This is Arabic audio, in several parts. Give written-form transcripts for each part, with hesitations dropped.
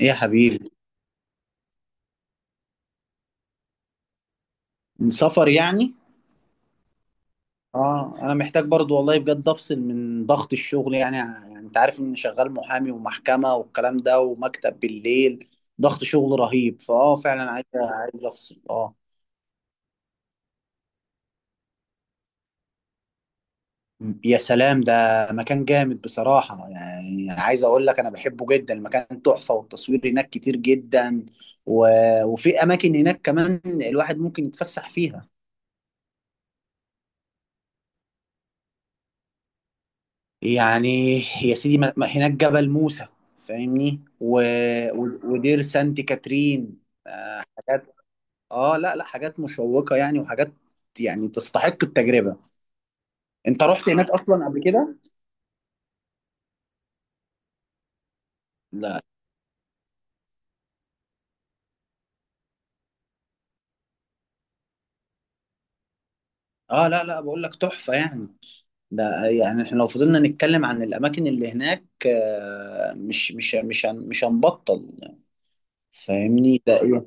ايه يا حبيبي؟ سفر يعني؟ اه، انا محتاج برضو والله، بجد افصل من ضغط الشغل. يعني انت عارف اني شغال محامي ومحكمة والكلام ده، ومكتب بالليل. ضغط شغل رهيب، فعلا عايز افصل. اه. يا سلام، ده مكان جامد بصراحة. يعني عايز اقول لك انا بحبه جدا، المكان تحفة، والتصوير هناك كتير جدا و... وفي اماكن هناك كمان الواحد ممكن يتفسح فيها. يعني يا سيدي، هناك جبل موسى فاهمني، ودير سانت كاترين. حاجات، اه، لا لا، حاجات مشوقة يعني، وحاجات يعني تستحق التجربة. انت رحت هناك اصلا قبل كده؟ لا. اه، لا لا، بقول لك تحفة يعني. ده يعني احنا لو فضلنا نتكلم عن الاماكن اللي هناك مش مش هنبطل. فاهمني ده ايه.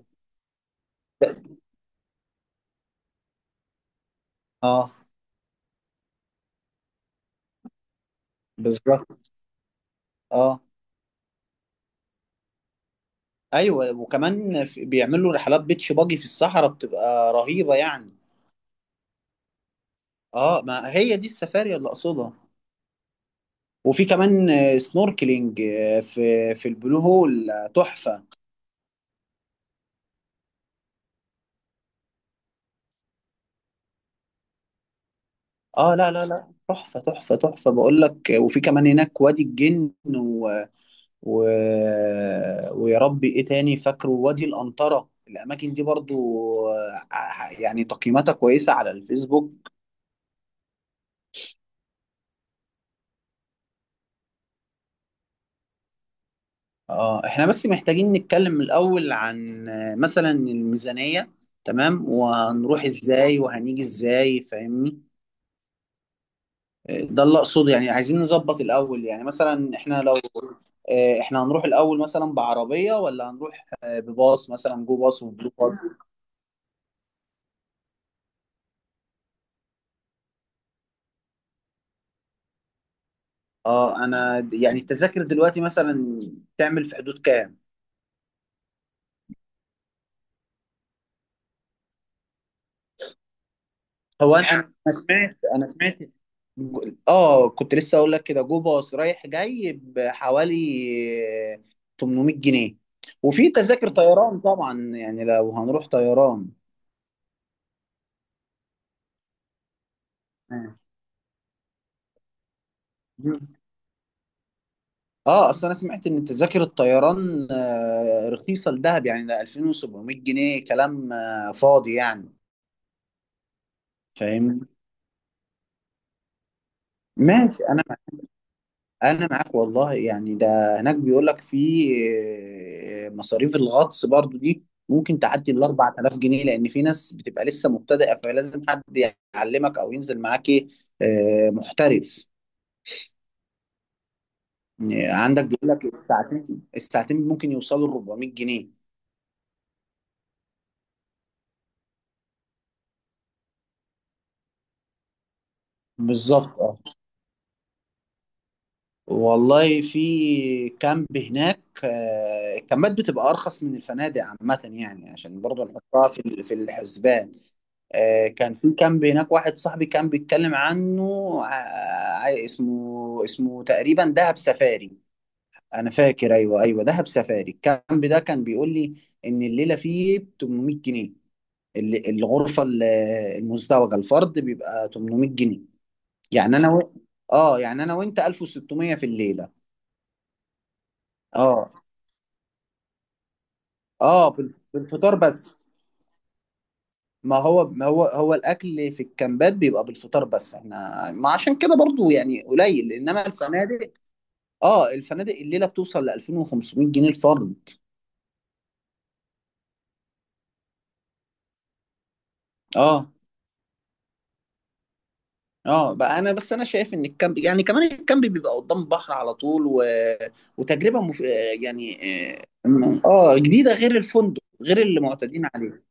اه، بالظبط. اه، ايوه، وكمان بيعملوا رحلات بيتش باجي في الصحراء، بتبقى رهيبة يعني. اه، ما هي دي السفاري اللي اقصدها. وفي كمان سنوركلينج في البلو هول تحفة. اه، لا لا لا، تحفة تحفة تحفة، بقول لك. وفي كمان هناك وادي الجن و... ويا ربي ايه تاني فاكره، وادي القنطرة، الاماكن دي برضو يعني تقييماتها كويسة على الفيسبوك. اه، احنا بس محتاجين نتكلم الاول عن مثلا الميزانية، تمام، وهنروح ازاي وهنيجي ازاي فاهمني. ده اللي اقصده يعني، عايزين نظبط الاول يعني. مثلا احنا لو احنا هنروح الاول مثلا بعربيه ولا هنروح بباص، مثلا جو باص وبلو باص. اه، يعني التذاكر دلوقتي مثلا تعمل في حدود كام؟ هو انا، انا سمعت، اه، كنت لسه اقول لك كده، جو باص رايح جاي بحوالي آه، 800 جنيه. وفي تذاكر طيران طبعا، يعني لو هنروح طيران. آه. اه، اصل انا سمعت ان تذاكر الطيران رخيصه لدهب يعني، ده 2700 جنيه كلام فاضي يعني. فاهم. ماشي، انا، انا معاك والله يعني. ده هناك بيقول لك في مصاريف الغطس برضو دي ممكن تعدي ال 4000 جنيه، لان في ناس بتبقى لسه مبتدئه، فلازم حد يعلمك او ينزل معاك محترف. عندك بيقول لك الساعتين الساعتين ممكن يوصلوا ل 400 جنيه. بالظبط، والله في كامب هناك الكامبات بتبقى ارخص من الفنادق عامه يعني، عشان برضه نحطها في في الحسبان. كان في كامب هناك واحد صاحبي كان بيتكلم عنه اسمه تقريبا دهب سفاري، انا فاكر. ايوه ايوه، دهب سفاري، الكامب ده كان بيقول لي ان الليله فيه ب 800 جنيه، الغرفه المزدوجه، الفرد بيبقى 800 جنيه. يعني انا اه، يعني انا وانت 1600 في الليله. اه اه، بالفطار بس. ما هو الاكل في الكامبات بيبقى بالفطار بس، احنا ما عشان كده برضو يعني قليل، انما الفنادق، اه، الفنادق الليله بتوصل ل 2500 جنيه الفرد. اه اه، بقى انا، انا شايف ان الكامب، يعني كمان الكامب بيبقى قدام البحر على طول وتجربه يعني اه جديده، غير الفندق، غير اللي معتادين عليه.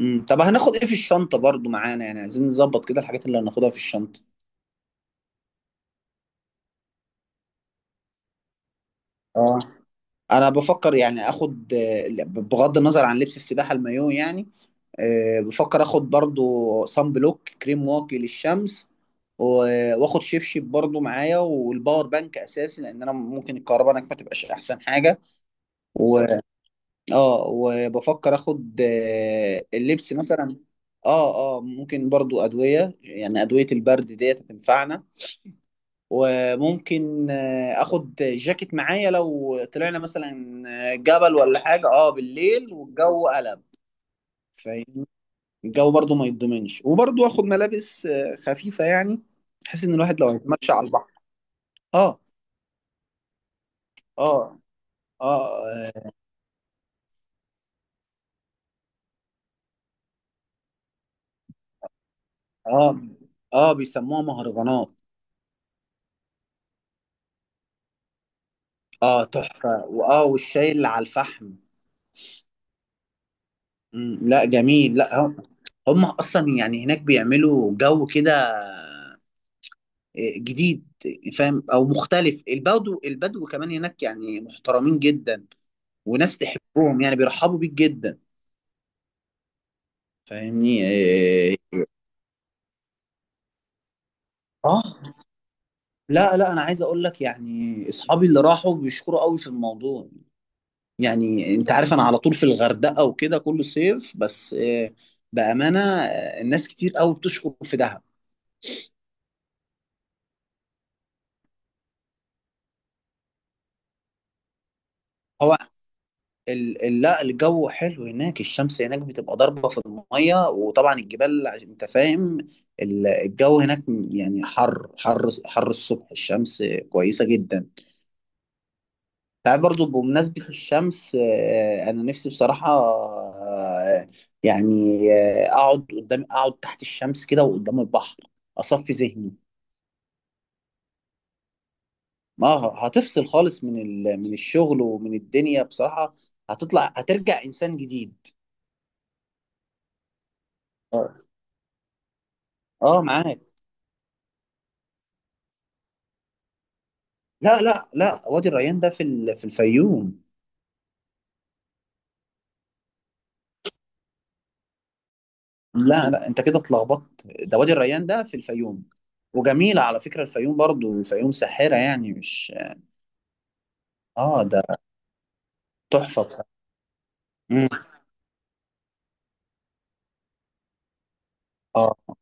طب هناخد ايه في الشنطه برضو معانا؟ يعني عايزين نظبط كده الحاجات اللي هناخدها في الشنطه. اه، انا بفكر يعني اخد بغض النظر عن لبس السباحه المايو يعني، بفكر اخد برضو صن بلوك كريم واقي للشمس، واخد شبشب برضو معايا، والباور بانك اساسي، لان انا ممكن الكهرباء هناك ما تبقاش احسن حاجه. و... اه، وبفكر اخد اللبس مثلا. اه اه، ممكن برضو ادويه، يعني ادويه البرد ديت هتنفعنا. وممكن اخد جاكيت معايا لو طلعنا مثلا جبل ولا حاجه، اه، بالليل والجو قلب. فاهم، الجو برضو ما يتضمنش. وبرضو اخد ملابس خفيفه يعني، بحيث ان الواحد لو هيتمشى على البحر. اه اه اه اه اه، بيسموها مهرجانات. اه، تحفه، واه، والشاي اللي على الفحم. مم، لا، جميل، لا. هم هم اصلا يعني هناك بيعملوا جو كده جديد، فاهم، او مختلف. البدو البدو كمان هناك يعني محترمين جدا، وناس تحبهم، يعني بيرحبوا بيك جدا. فاهمني اه، لا لا، انا عايز اقول لك يعني، اصحابي اللي راحوا بيشكروا قوي في الموضوع. يعني انت عارف انا على طول في الغردقة وكده كل صيف، بس إيه، بأمانة، الناس كتير قوي بتشكر في دهب. هو لا، الجو حلو هناك، الشمس هناك بتبقى ضاربة في المية، وطبعا الجبال، عشان انت فاهم الجو هناك يعني حر حر حر. الصبح الشمس كويسة جدا. تعرف، برضو بمناسبة الشمس انا نفسي بصراحة يعني اقعد قدام، اقعد تحت الشمس كده، وقدام البحر اصفي ذهني. ما هتفصل خالص من من الشغل ومن الدنيا بصراحة. هتطلع هترجع انسان جديد. اه معاك. لا لا لا، وادي الريان ده في في الفيوم. لا لا، انت كده اتلخبطت، ده وادي الريان ده في الفيوم. وجميلة على فكرة الفيوم، برضو الفيوم ساحرة يعني، مش... اه، ده تحفة بصراحة. مم. اه،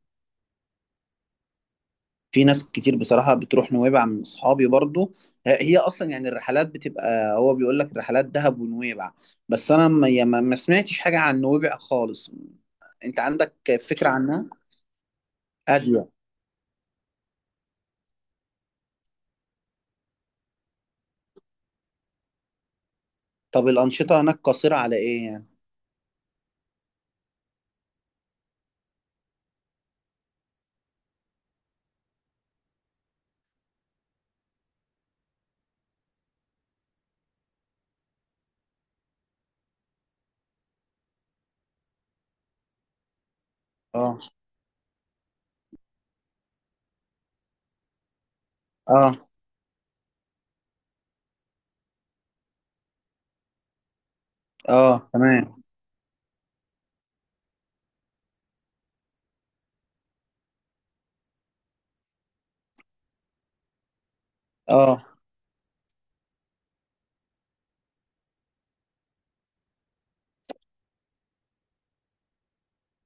في ناس كتير بصراحة بتروح نويبع، من اصحابي برضو. هي اصلا يعني الرحلات بتبقى، هو بيقول لك رحلات دهب ونويبع. بس انا ما يا ما- ما سمعتش حاجة عن نويبع خالص. انت عندك فكرة عنها؟ هادية. طب الأنشطة هناك قاصرة على ايه يعني؟ اه اه اه، تمام. اه،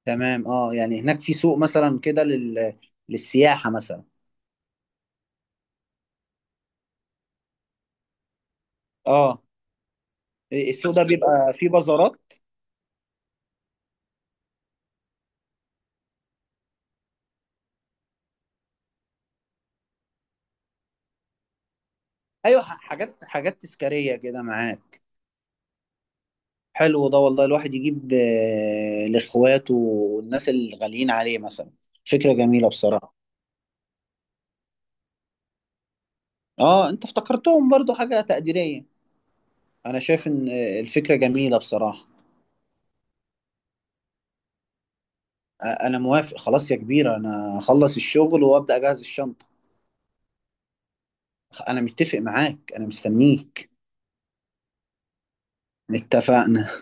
تمام. اه، يعني هناك في سوق مثلا كده للسياحة مثلا. اه، السوق ده بيبقى فيه بازارات. ايوه، حاجات حاجات تذكارية كده، معاك. حلو ده والله، الواحد يجيب لاخواته والناس الغاليين عليه مثلا. فكرة جميلة بصراحة. اه، انت افتكرتهم، برضو حاجة تقديرية. انا شايف ان الفكرة جميلة بصراحة. انا موافق خلاص يا كبير، انا اخلص الشغل وابدأ اجهز الشنطة. انا متفق معاك، انا مستنيك. اتفقنا.